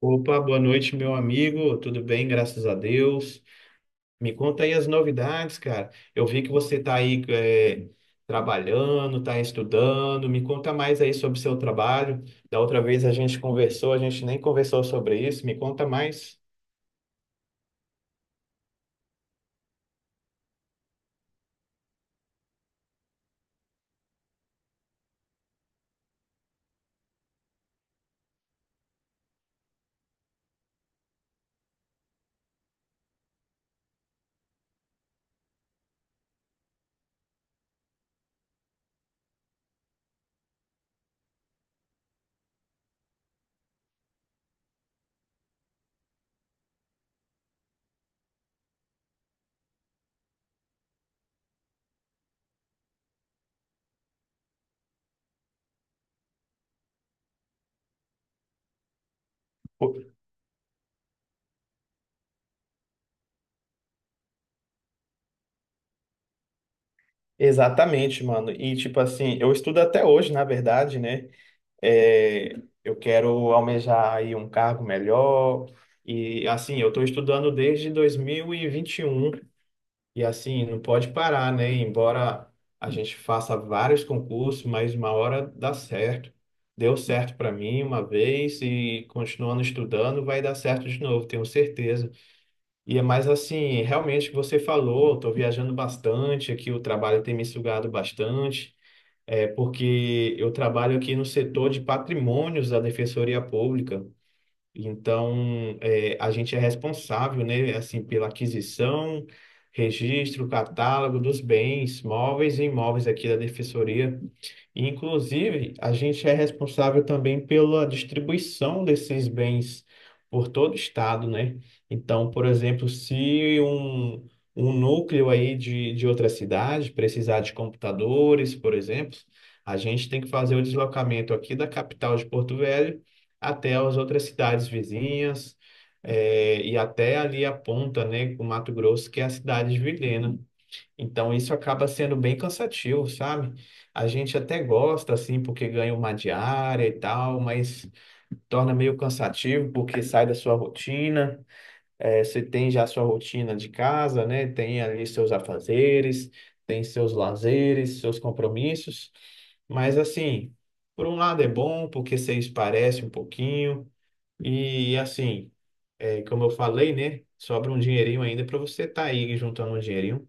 Opa, boa noite, meu amigo. Tudo bem, graças a Deus. Me conta aí as novidades, cara. Eu vi que você tá aí trabalhando, tá estudando. Me conta mais aí sobre o seu trabalho. Da outra vez a gente conversou, a gente nem conversou sobre isso. Me conta mais. Pô, exatamente, mano. E tipo assim, eu estudo até hoje, na verdade, né? É, eu quero almejar aí um cargo melhor. E assim, eu estou estudando desde dois mil e vinte e um. E assim, não pode parar, né? Embora a gente faça vários concursos, mas uma hora dá certo. Deu certo para mim uma vez e continuando estudando vai dar certo de novo, tenho certeza. E é mais assim, realmente o que você falou, estou viajando bastante aqui, o trabalho tem me sugado bastante, é porque eu trabalho aqui no setor de patrimônios da Defensoria Pública. Então, é, a gente é responsável, né, assim, pela aquisição, registro, catálogo dos bens móveis e imóveis aqui da Defensoria. E, inclusive, a gente é responsável também pela distribuição desses bens por todo o estado, né? Então, por exemplo, se um, um núcleo aí de outra cidade precisar de computadores, por exemplo, a gente tem que fazer o deslocamento aqui da capital de Porto Velho até as outras cidades vizinhas, e até ali a ponta, né, com Mato Grosso, que é a cidade de Vilhena. Então isso acaba sendo bem cansativo, sabe? A gente até gosta assim porque ganha uma diária e tal, mas torna meio cansativo porque sai da sua rotina. Você tem já a sua rotina de casa, né? Tem ali seus afazeres, tem seus lazeres, seus compromissos. Mas assim, por um lado é bom porque você esparece um pouquinho e assim, como eu falei, né? Sobra um dinheirinho ainda para você estar aí juntando um dinheirinho.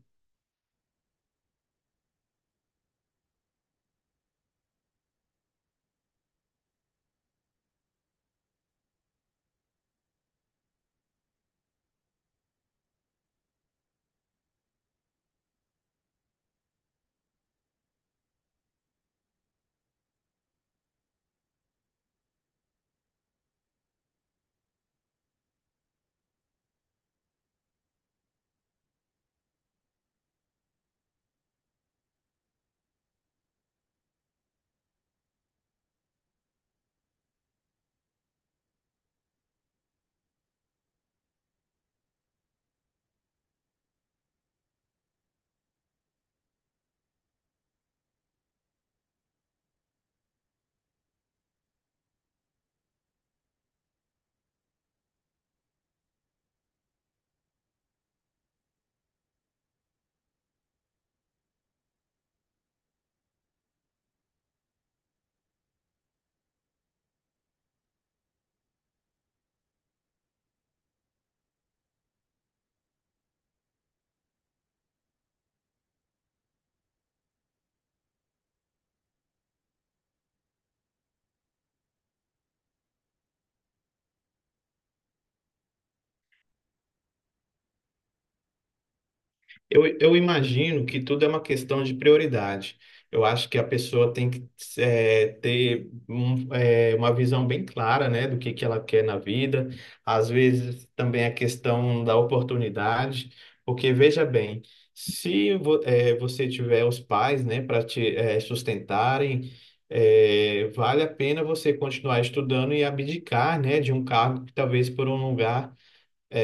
Eu imagino que tudo é uma questão de prioridade. Eu acho que a pessoa tem que ter uma visão bem clara, né, do que ela quer na vida. Às vezes também a questão da oportunidade, porque veja bem, se vo- eh, você tiver os pais, né, para te sustentarem, vale a pena você continuar estudando e abdicar, né, de um cargo que talvez por um lugar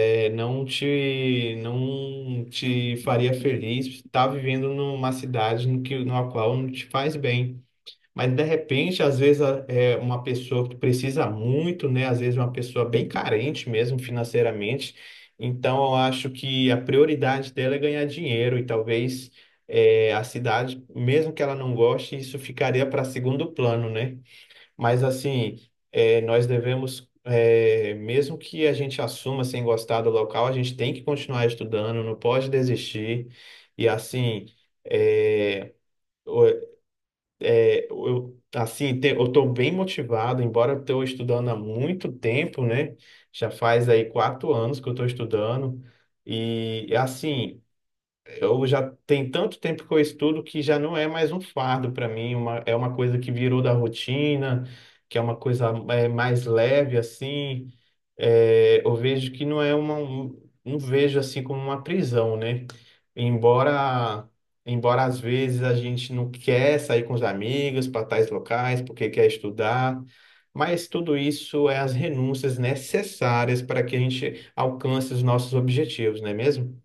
é, não te faria feliz estar vivendo numa cidade no que, na qual não te faz bem. Mas, de repente, às vezes, é uma pessoa que precisa muito, né? Às vezes, uma pessoa bem carente mesmo financeiramente. Então, eu acho que a prioridade dela é ganhar dinheiro e talvez é, a cidade, mesmo que ela não goste, isso ficaria para segundo plano, né? Mas assim, nós devemos, mesmo que a gente assuma sem gostar do local, a gente tem que continuar estudando, não pode desistir. E assim, eh, o- eh, eu estou bem motivado, embora eu estou estudando há muito tempo, né? Já faz aí quatro anos que eu estou estudando. E assim, eu já tem tanto tempo que eu estudo que já não é mais um fardo para mim, é uma coisa que virou da rotina, que é uma coisa mais leve assim. É, eu vejo que não é não vejo assim como uma prisão, né? Embora, embora às vezes a gente não quer sair com os amigos para tais locais porque quer estudar, mas tudo isso é as renúncias necessárias para que a gente alcance os nossos objetivos, não é mesmo?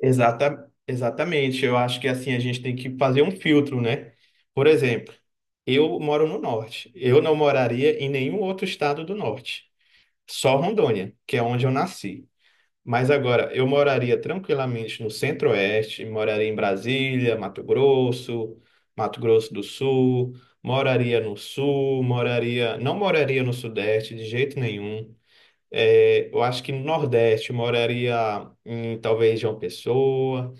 Exatamente. Eu acho que assim a gente tem que fazer um filtro, né? Por exemplo, eu moro no norte. Eu não moraria em nenhum outro estado do norte, só Rondônia, que é onde eu nasci. Mas agora eu moraria tranquilamente no centro-oeste, moraria em Brasília, Mato Grosso, Mato Grosso do Sul, moraria no sul, moraria, não moraria no sudeste de jeito nenhum. É, eu acho que no Nordeste eu moraria em talvez João Pessoa,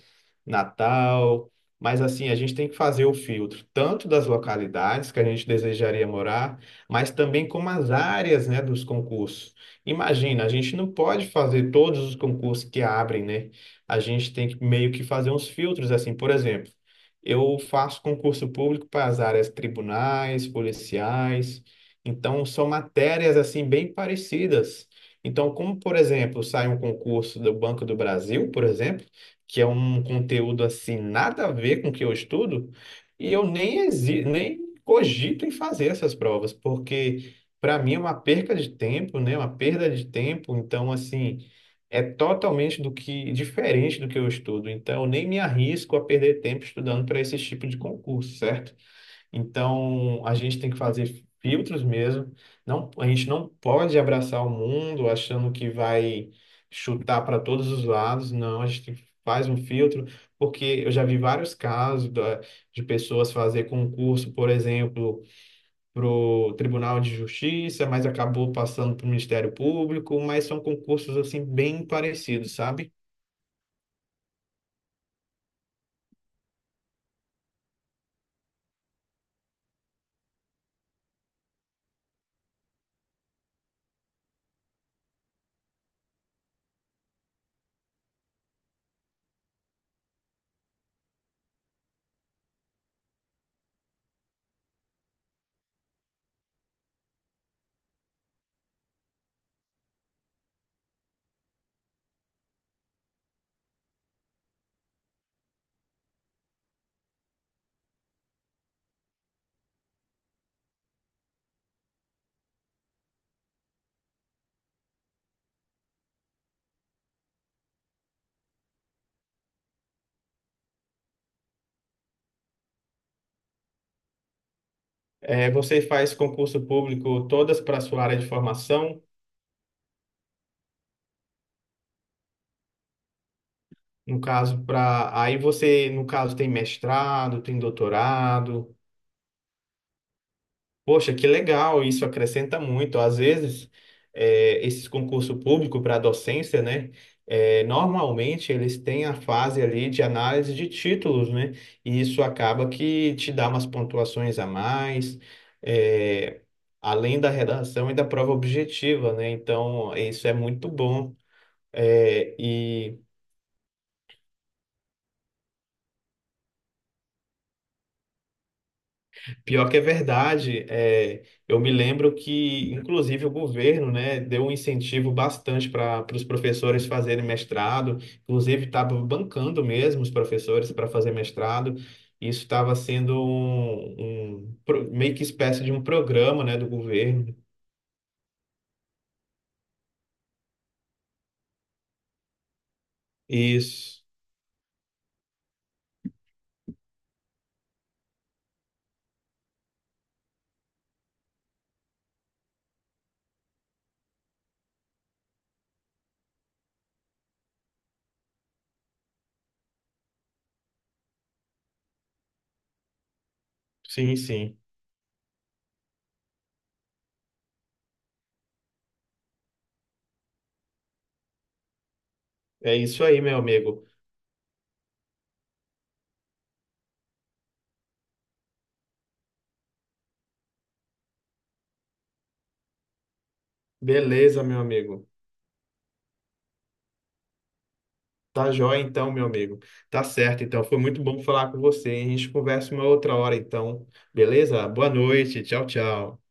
Natal. Mas assim, a gente tem que fazer o filtro tanto das localidades que a gente desejaria morar, mas também como as áreas, né, dos concursos. Imagina, a gente não pode fazer todos os concursos que abrem, né? A gente tem que meio que fazer uns filtros assim, por exemplo, eu faço concurso público para as áreas tribunais, policiais, então são matérias assim bem parecidas. Então, como por exemplo, sai um concurso do Banco do Brasil, por exemplo, que é um conteúdo assim, nada a ver com o que eu estudo, e eu nem, exi nem cogito em fazer essas provas, porque para mim é uma perca de tempo, né? Uma perda de tempo, então assim, é totalmente do que diferente do que eu estudo, então eu nem me arrisco a perder tempo estudando para esse tipo de concurso, certo? Então, a gente tem que fazer filtros mesmo. Não, a gente não pode abraçar o mundo achando que vai chutar para todos os lados. Não, a gente faz um filtro, porque eu já vi vários casos de pessoas fazer concurso, por exemplo, para o Tribunal de Justiça, mas acabou passando para o Ministério Público, mas são concursos assim bem parecidos, sabe? É, você faz concurso público todas para a sua área de formação. No caso, para. Aí você, no caso, tem mestrado, tem doutorado. Poxa, que legal, isso acrescenta muito. Às vezes, esses concursos públicos para docência, né? Normalmente eles têm a fase ali de análise de títulos, né? E isso acaba que te dá umas pontuações a mais, eh, além da redação e da prova objetiva, né? Então, isso é muito bom. Eh, e Pior que é verdade, é, eu me lembro que, inclusive, o governo, né, deu um incentivo bastante para os professores fazerem mestrado, inclusive estava bancando mesmo os professores para fazer mestrado. Isso estava sendo meio que espécie de um programa, né, do governo. Isso, sim, sim. É isso aí, meu amigo. Beleza, meu amigo. Tá jóia então, meu amigo. Tá certo, então. Foi muito bom falar com você. Hein? A gente conversa uma outra hora, então. Beleza? Boa noite. Tchau, tchau.